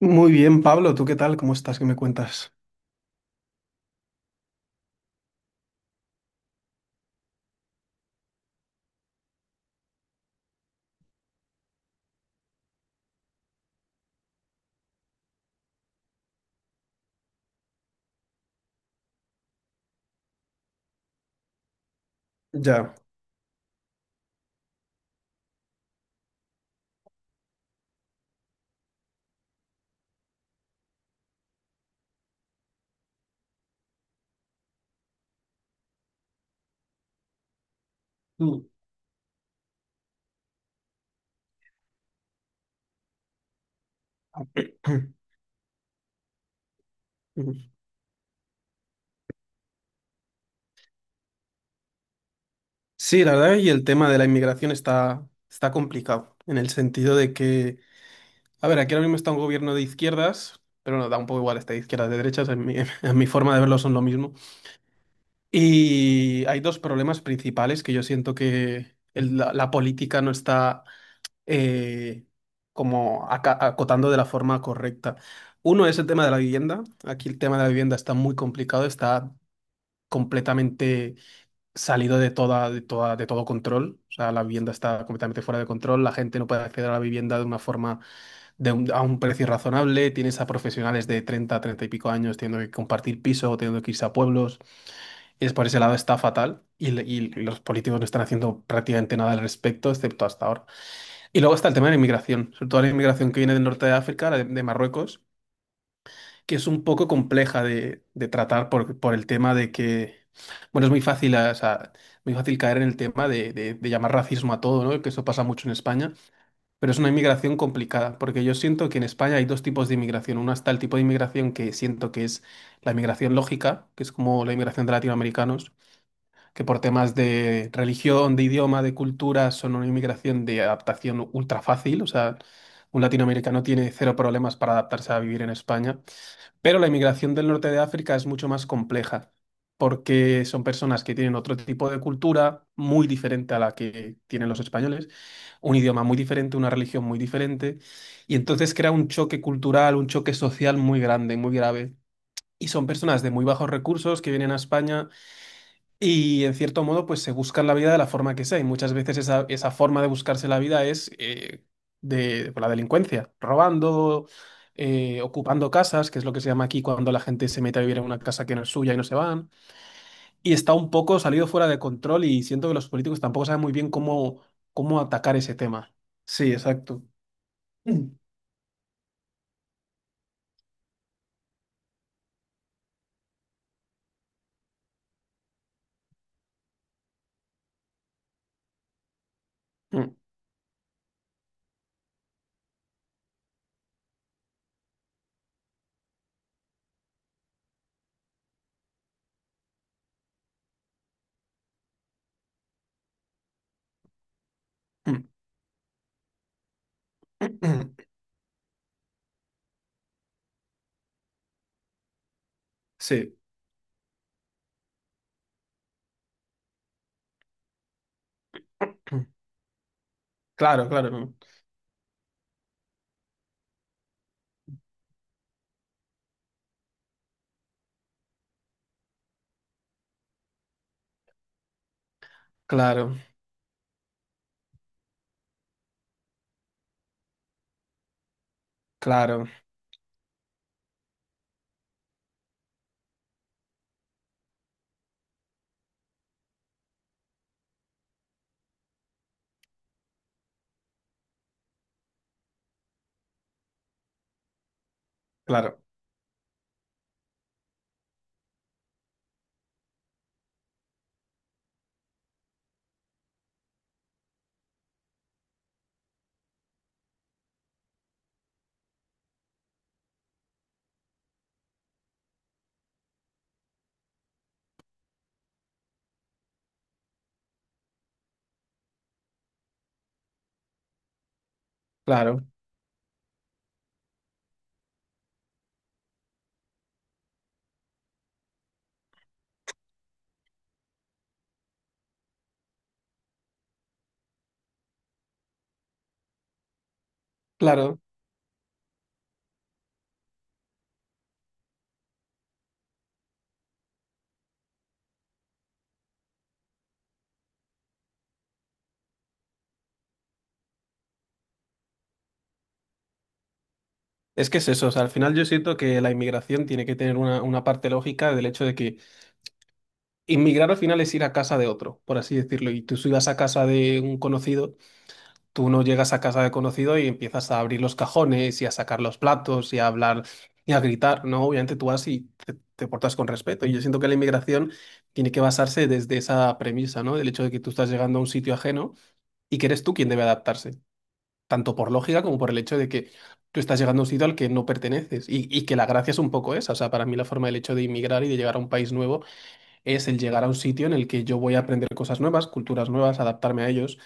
Muy bien, Pablo, ¿tú qué tal? ¿Cómo estás? ¿Qué me cuentas? Ya. Mm. Sí, la verdad, y el tema de la inmigración está, está complicado, en el sentido de que, a ver, aquí ahora mismo está un gobierno de izquierdas, pero no, da un poco igual, está de izquierdas, de derechas, en mi, en mi forma de verlo son lo mismo. Y hay dos problemas principales que yo siento que la política no está eh, como acotando de la forma correcta. Uno es el tema de la vivienda, aquí el tema de la vivienda está muy complicado, está completamente salido de todo control. O sea, la vivienda está completamente fuera de control, la gente no puede acceder a la vivienda de una forma, a un precio razonable, tienes a profesionales de 30 y pico años teniendo que compartir piso, teniendo que irse a pueblos. Es por ese lado está fatal y, y los políticos no están haciendo prácticamente nada al respecto, excepto hasta ahora. Y luego está el tema de la inmigración, sobre todo la inmigración que viene del norte de África, la de Marruecos, que es un poco compleja de tratar por el tema de que, bueno, es muy fácil, o sea, muy fácil caer en el tema de llamar racismo a todo, ¿no? Que eso pasa mucho en España, pero es una inmigración complicada, porque yo siento que en España hay dos tipos de inmigración. Una está el tipo de inmigración que siento que es la inmigración lógica, que es como la inmigración de latinoamericanos, que por temas de religión, de idioma, de cultura, son una inmigración de adaptación ultra fácil, o sea, un latinoamericano tiene cero problemas para adaptarse a vivir en España. Pero la inmigración del norte de África es mucho más compleja, porque son personas que tienen otro tipo de cultura muy diferente a la que tienen los españoles, un idioma muy diferente, una religión muy diferente, y entonces crea un choque cultural, un choque social muy grande, muy grave. Y son personas de muy bajos recursos que vienen a España y en cierto modo, pues se buscan la vida de la forma que sea. Y muchas veces esa, esa forma de buscarse la vida es de por la delincuencia, robando, ocupando casas, que es lo que se llama aquí cuando la gente se mete a vivir en una casa que no es suya y no se van. Y está un poco salido fuera de control y siento que los políticos tampoco saben muy bien cómo, cómo atacar ese tema. Sí, exacto. Mm, mm, mm, mm. Sí, claro, claro, claro, claro, claro, claro, claro. Es que es eso, o sea, al final yo siento que la inmigración tiene que tener una parte lógica del hecho de que inmigrar al final es ir a casa de otro, por así decirlo, y tú si vas a casa de un conocido, tú no llegas a casa de conocido y empiezas a abrir los cajones y a sacar los platos y a hablar y a gritar, ¿no? Obviamente tú vas y te portas con respeto, y yo siento que la inmigración tiene que basarse desde esa premisa, ¿no? Del hecho de que tú estás llegando a un sitio ajeno y que eres tú quien debe adaptarse tanto por lógica como por el hecho de que tú estás llegando a un sitio al que no perteneces y que la gracia es un poco esa. O sea, para mí la forma del hecho de inmigrar y de llegar a un país nuevo es el llegar a un sitio en el que yo voy a aprender cosas nuevas, culturas nuevas, adaptarme a ellos.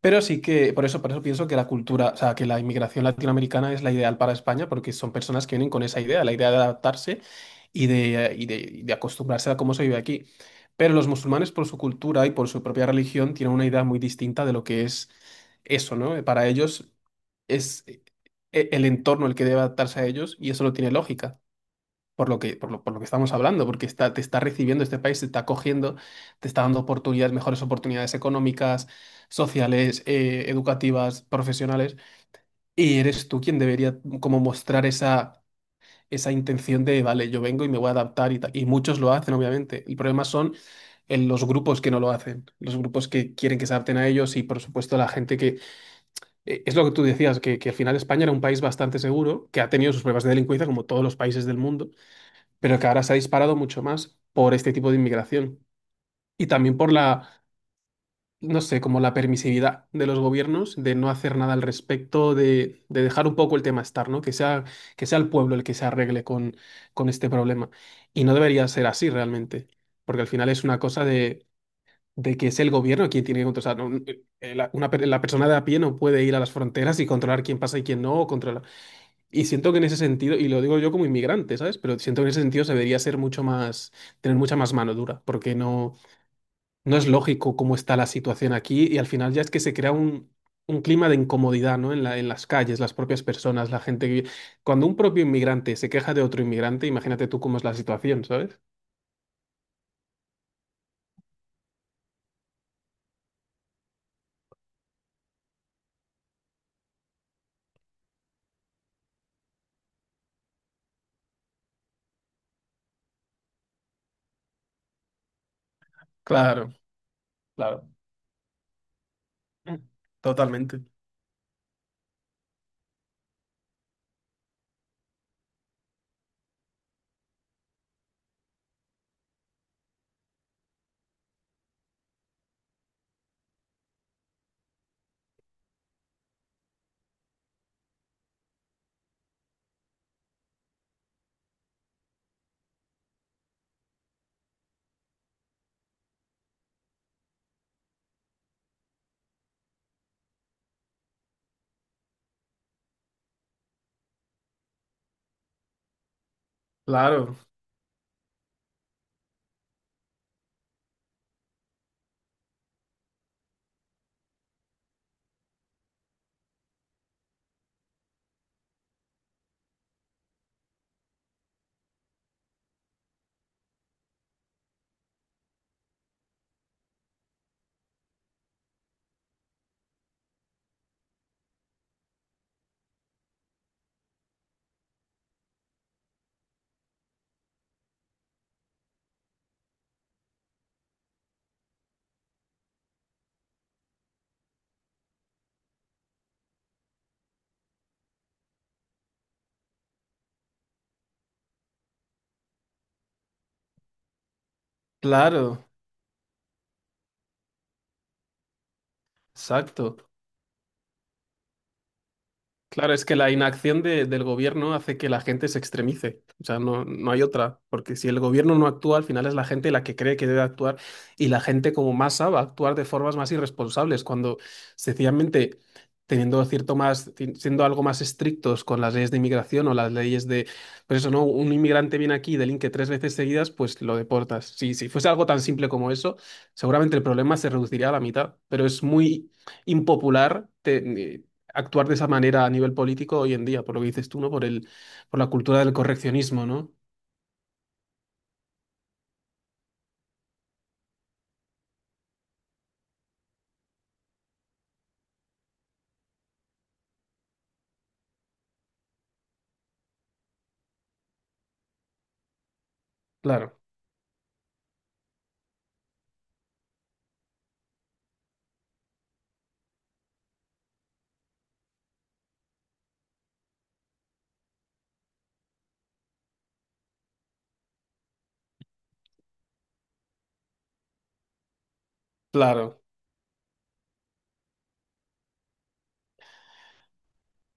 Pero sí que, por eso pienso que la cultura, o sea, que la inmigración latinoamericana es la ideal para España, porque son personas que vienen con esa idea, la idea de adaptarse y de, y de, y de acostumbrarse a cómo se vive aquí. Pero los musulmanes, por su cultura y por su propia religión, tienen una idea muy distinta de lo que es eso, ¿no? Para ellos es el entorno el que debe adaptarse a ellos y eso no tiene lógica por lo que estamos hablando, porque está, te está recibiendo este país, te está acogiendo, te está dando oportunidades, mejores oportunidades económicas, sociales, educativas, profesionales, y eres tú quien debería como mostrar esa, esa intención de, vale, yo vengo y me voy a adaptar y tal. Y muchos lo hacen, obviamente. El problema son en los grupos que no lo hacen, los grupos que quieren que se adapten a ellos y por supuesto la gente que, es lo que tú decías, que al final España era un país bastante seguro, que ha tenido sus pruebas de delincuencia como todos los países del mundo, pero que ahora se ha disparado mucho más por este tipo de inmigración y también por la, no sé, como la permisividad de los gobiernos de no hacer nada al respecto, de dejar un poco el tema estar, ¿no? Que sea el pueblo el que se arregle con este problema. Y no debería ser así realmente, porque al final es una cosa de que es el gobierno quien tiene que controlar. O sea, no, la, la persona de a pie no puede ir a las fronteras y controlar quién pasa y quién no, o controlar, y siento que en ese sentido, y lo digo yo como inmigrante, ¿sabes? Pero siento que en ese sentido se debería ser mucho más, tener mucha más mano dura, porque no, no es lógico cómo está la situación aquí y al final ya es que se crea un clima de incomodidad, ¿no? En la, en las calles, las propias personas, la gente que... vive- Cuando un propio inmigrante se queja de otro inmigrante, imagínate tú cómo es la situación, ¿sabes? Claro, claro. Mm. Totalmente. Claro, claro, exacto. Claro, es que la inacción del gobierno hace que la gente se extremice. O sea, no, no hay otra. Porque si el gobierno no actúa, al final es la gente la que cree que debe actuar. Y la gente como masa va a actuar de formas más irresponsables. Cuando sencillamente teniendo cierto más, siendo algo más estrictos con las leyes de inmigración o las leyes de, pues eso, ¿no? Un inmigrante viene aquí y delinque tres veces seguidas, pues lo deportas. Si, si fuese algo tan simple como eso, seguramente el problema se reduciría a la mitad. Pero es muy impopular actuar de esa manera a nivel político hoy en día, por lo que dices tú, ¿no? Por el, por la cultura del correccionismo, ¿no? Claro, claro,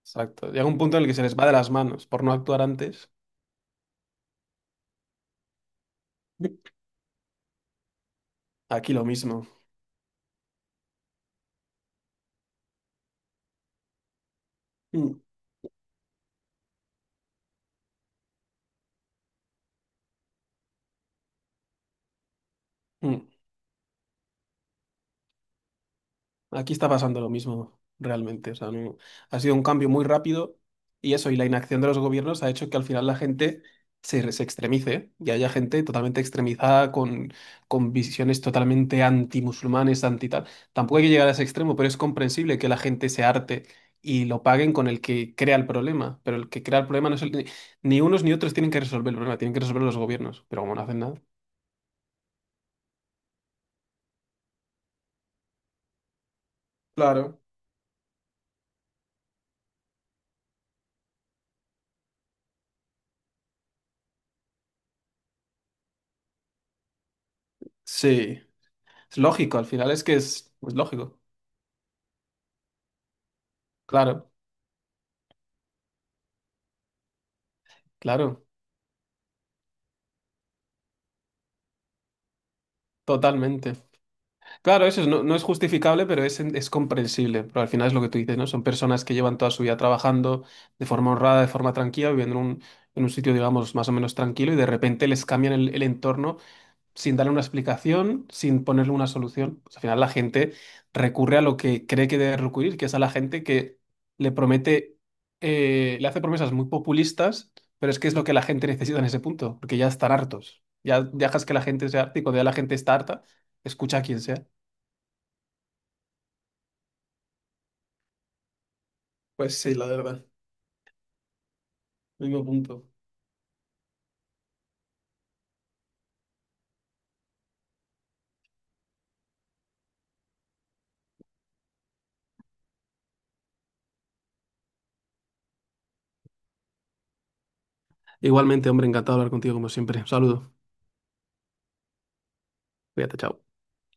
exacto. Llega un punto en el que se les va de las manos por no actuar antes. Aquí lo mismo. Mm, mm. Aquí está pasando lo mismo, realmente. O sea, ha sido un cambio muy rápido y eso, y la inacción de los gobiernos ha hecho que al final la gente se extremice y haya gente totalmente extremizada con visiones totalmente antimusulmanes, anti tal. Tampoco hay que llegar a ese extremo, pero es comprensible que la gente se harte y lo paguen con el que crea el problema. Pero el que crea el problema no es el... Ni unos ni otros tienen que resolver el problema, tienen que resolver los gobiernos. Pero como no hacen nada. Claro. Sí. Es lógico, al final es que es lógico. Claro, claro. Totalmente. Claro, eso es- no, no es justificable, pero es comprensible. Pero al final es lo que tú dices, ¿no? Son personas que llevan toda su vida trabajando de forma honrada, de forma tranquila, viviendo en un sitio, digamos, más o menos tranquilo y de repente les cambian el entorno sin darle una explicación, sin ponerle una solución. Pues al final la gente recurre a lo que cree que debe recurrir, que es a la gente que le promete, le hace promesas muy populistas, pero es que es lo que la gente necesita en ese punto, porque ya están hartos. Ya dejas que la gente sea harta y cuando ya la gente está harta, escucha a quien sea. Pues sí, la verdad. Mismo punto. Igualmente, hombre, encantado de hablar contigo como siempre. Un saludo. Cuídate, chao.